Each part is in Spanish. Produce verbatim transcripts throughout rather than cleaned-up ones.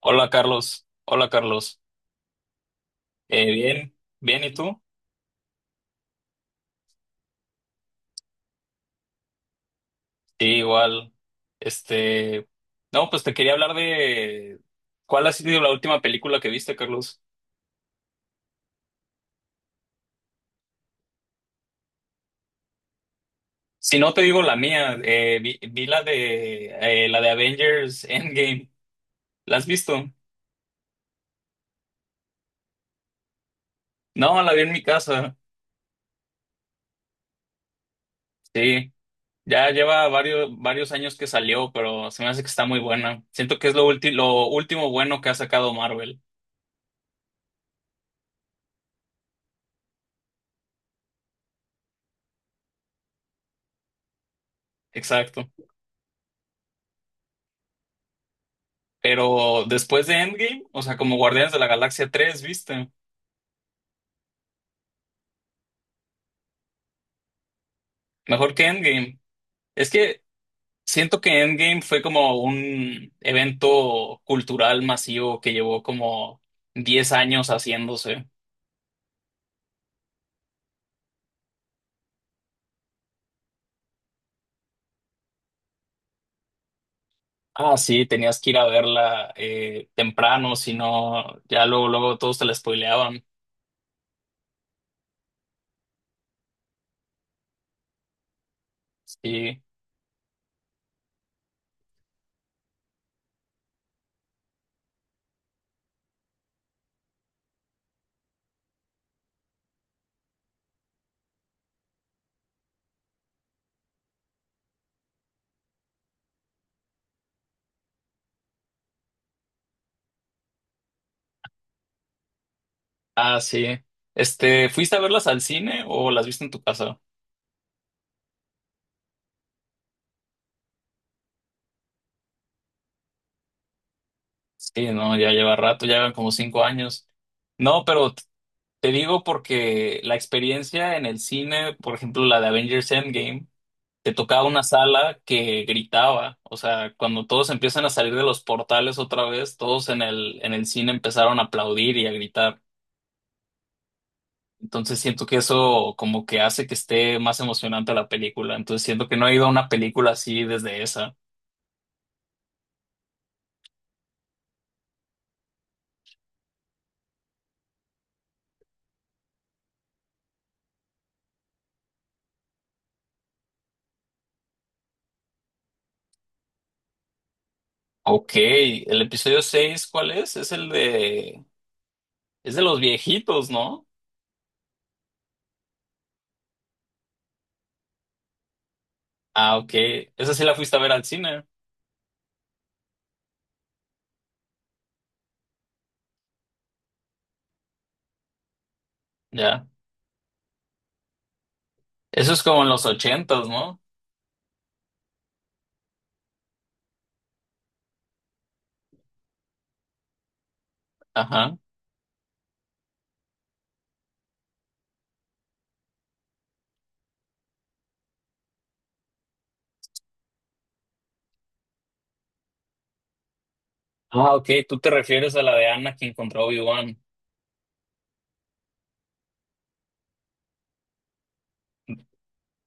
Hola Carlos, hola Carlos, Eh, bien, bien, ¿y tú? Sí, igual, este, no, pues te quería hablar de cuál ha sido la última película que viste, Carlos. Si no te digo la mía, eh, vi, vi la de, eh, la de Avengers Endgame, ¿la has visto? No, la vi en mi casa, sí, ya lleva varios, varios años que salió, pero se me hace que está muy buena. Siento que es lo ulti- lo último bueno que ha sacado Marvel, exacto. Pero después de Endgame, o sea, como Guardianes de la Galaxia tres, ¿viste? Mejor que Endgame. Es que siento que Endgame fue como un evento cultural masivo que llevó como diez años haciéndose. Ah, sí, tenías que ir a verla eh, temprano, si no, ya luego, luego todos te la spoileaban. Sí, ah, sí. Este, ¿fuiste a verlas al cine o las viste en tu casa? Sí, no, ya lleva rato, ya llevan como cinco años. No, pero te digo porque la experiencia en el cine, por ejemplo, la de Avengers Endgame, te tocaba una sala que gritaba. O sea, cuando todos empiezan a salir de los portales otra vez, todos en el, en el cine empezaron a aplaudir y a gritar. Entonces siento que eso como que hace que esté más emocionante la película. Entonces siento que no he ido a una película así desde esa. Ok, el episodio seis, ¿cuál es? Es el de... Es de los viejitos, ¿no? Ah, ok. Esa sí la fuiste a ver al cine. Ya. Eso es como en los ochentas, ¿no? Ajá. Ah, ok, tú te refieres a la de Anna Anakin contra Obi-Wan.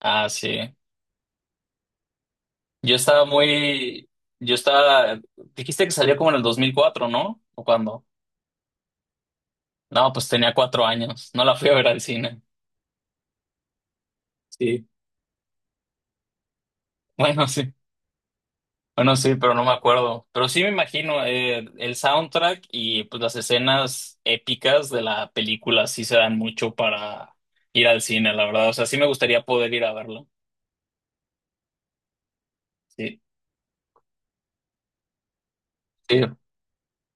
Ah, sí. Yo estaba muy... Yo estaba... Dijiste que salió como en el dos mil cuatro, ¿no? ¿O cuándo? No, pues tenía cuatro años. No la fui a ver al cine. Sí. Bueno, sí. Bueno, sí, pero no me acuerdo. Pero sí me imagino eh, el soundtrack y pues las escenas épicas de la película sí se dan mucho para ir al cine, la verdad. O sea, sí me gustaría poder ir a verlo. Sí. Sí.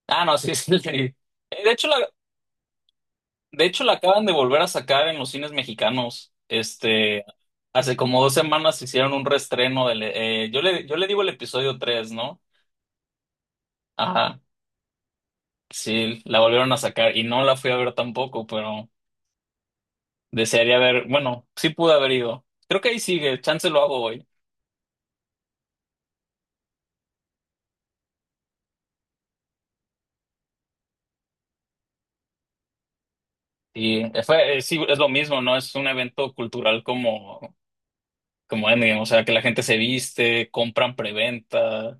Ah, no, sí, sí. De hecho, la, de hecho, la acaban de volver a sacar en los cines mexicanos. Este, hace como dos semanas hicieron un reestreno del, eh, yo le, yo le digo el episodio tres, ¿no? Ajá. Sí, la volvieron a sacar y no la fui a ver tampoco, pero desearía ver, bueno, sí pude haber ido. Creo que ahí sigue, chance lo hago hoy. Y fue, eh, sí, es lo mismo, ¿no? Es un evento cultural como, como Endgame, o sea, que la gente se viste, compran preventa.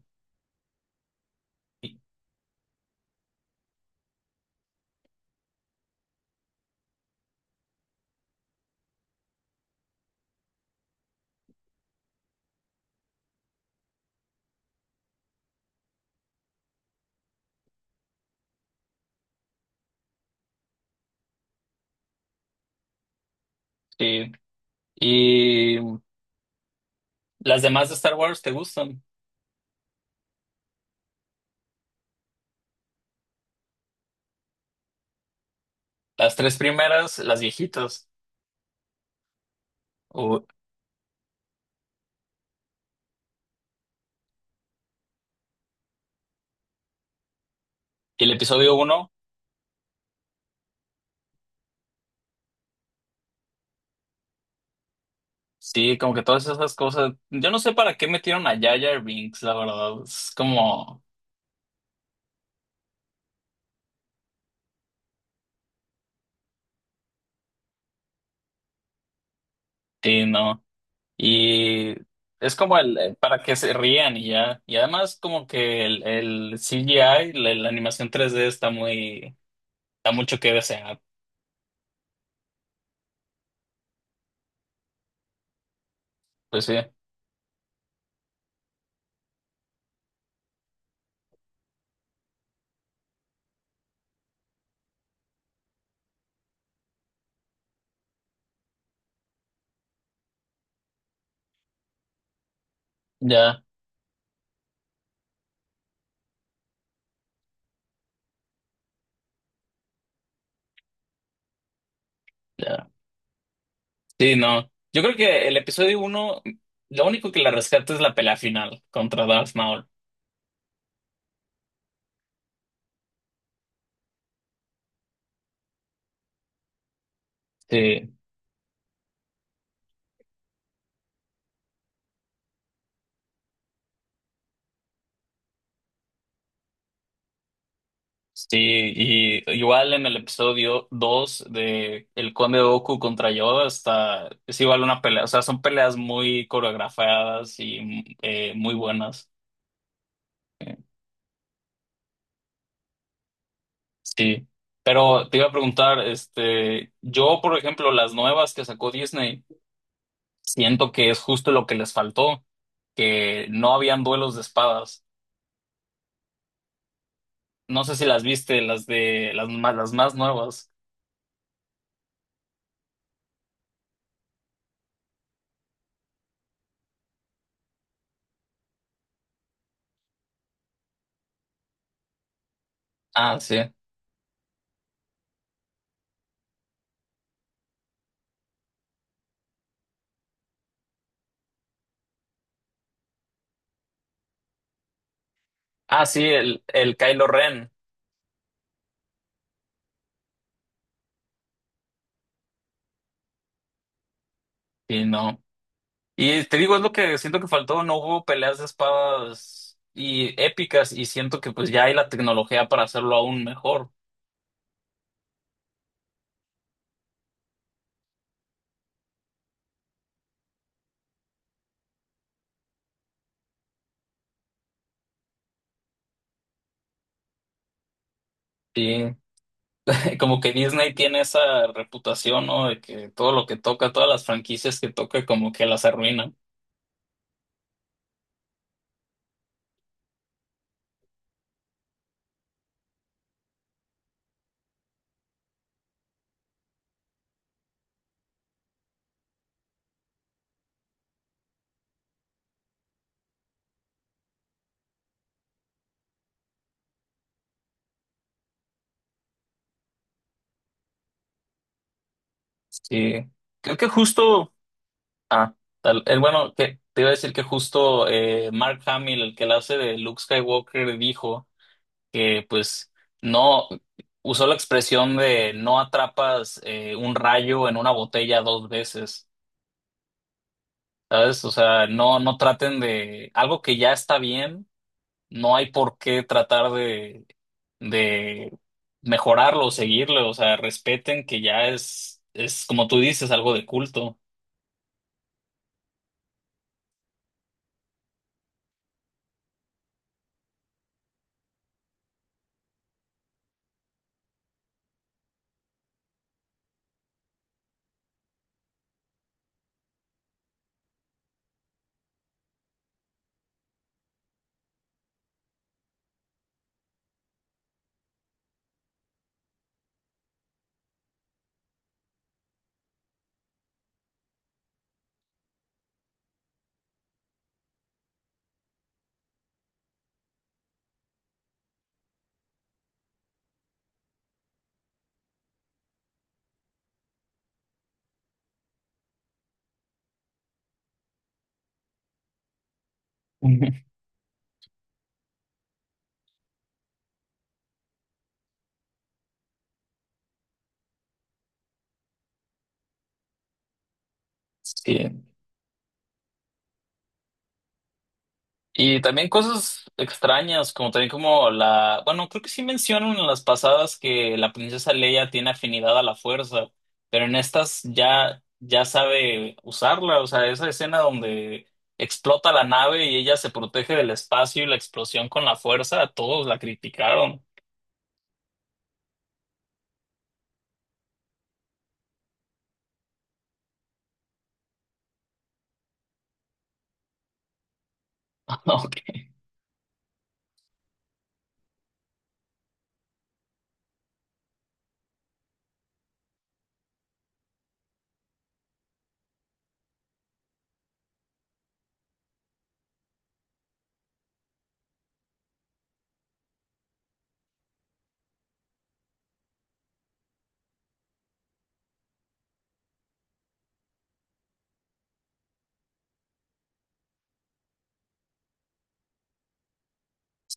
Sí. Y ¿las demás de Star Wars te gustan? Las tres primeras, las viejitas. O- y el episodio uno, sí, como que todas esas cosas. Yo no sé para qué metieron a Jar Jar Binks, la verdad. Es como, sí, no. Y es como el, eh, para que se rían y ya. Y además como que el, el C G I, la, la animación tres d está muy, da mucho que desear. Pues sí, ya, ya. Sí, no. Yo creo que el episodio uno, lo único que la rescata es la pelea final contra Darth Maul. Sí, sí, y igual en el episodio dos de el Conde Dooku contra Yoda está, es igual una pelea, o sea, son peleas muy coreografiadas y eh, muy buenas. eh, sí, pero te iba a preguntar, este, yo, por ejemplo, las nuevas que sacó Disney, siento que es justo lo que les faltó, que no habían duelos de espadas. No sé si las viste, las de las más, las más nuevas. Ah, sí. Ah, sí, el, el Kylo Ren. Sí, no. Y te digo, es lo que siento que faltó, no hubo peleas de espadas y épicas y siento que pues ya hay la tecnología para hacerlo aún mejor. Y como que Disney tiene esa reputación, ¿no? De que todo lo que toca, todas las franquicias que toca, como que las arruina. Sí. Creo que justo, ah, tal- eh, bueno, que te iba a decir que justo eh, Mark Hamill, el que la hace de Luke Skywalker, dijo que pues no usó la expresión de no atrapas eh, un rayo en una botella dos veces, ¿sabes? O sea, no, no traten de algo que ya está bien, no hay por qué tratar de, de mejorarlo o seguirlo, o sea, respeten que ya es, es como tú dices, algo de culto. Ujú. Sí. Y también cosas extrañas, como también como la, bueno, creo que sí mencionan en las pasadas que la princesa Leia tiene afinidad a la fuerza, pero en estas ya, ya sabe usarla, o sea, esa escena donde explota la nave y ella se protege del espacio y la explosión con la fuerza, a todos la criticaron. Ok.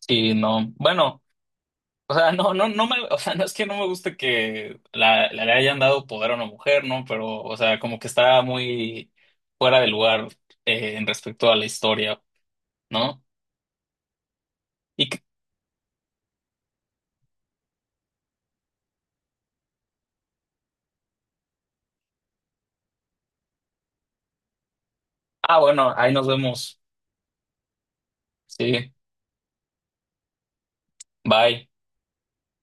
Sí, no. Bueno. O sea, no, no, no me, o sea, no es que no me guste que la, la- le hayan dado poder a una mujer, ¿no? Pero, o sea, como que está muy fuera de lugar eh, en respecto a la historia, ¿no? Y que- ah, bueno, ahí nos vemos. Sí, bye.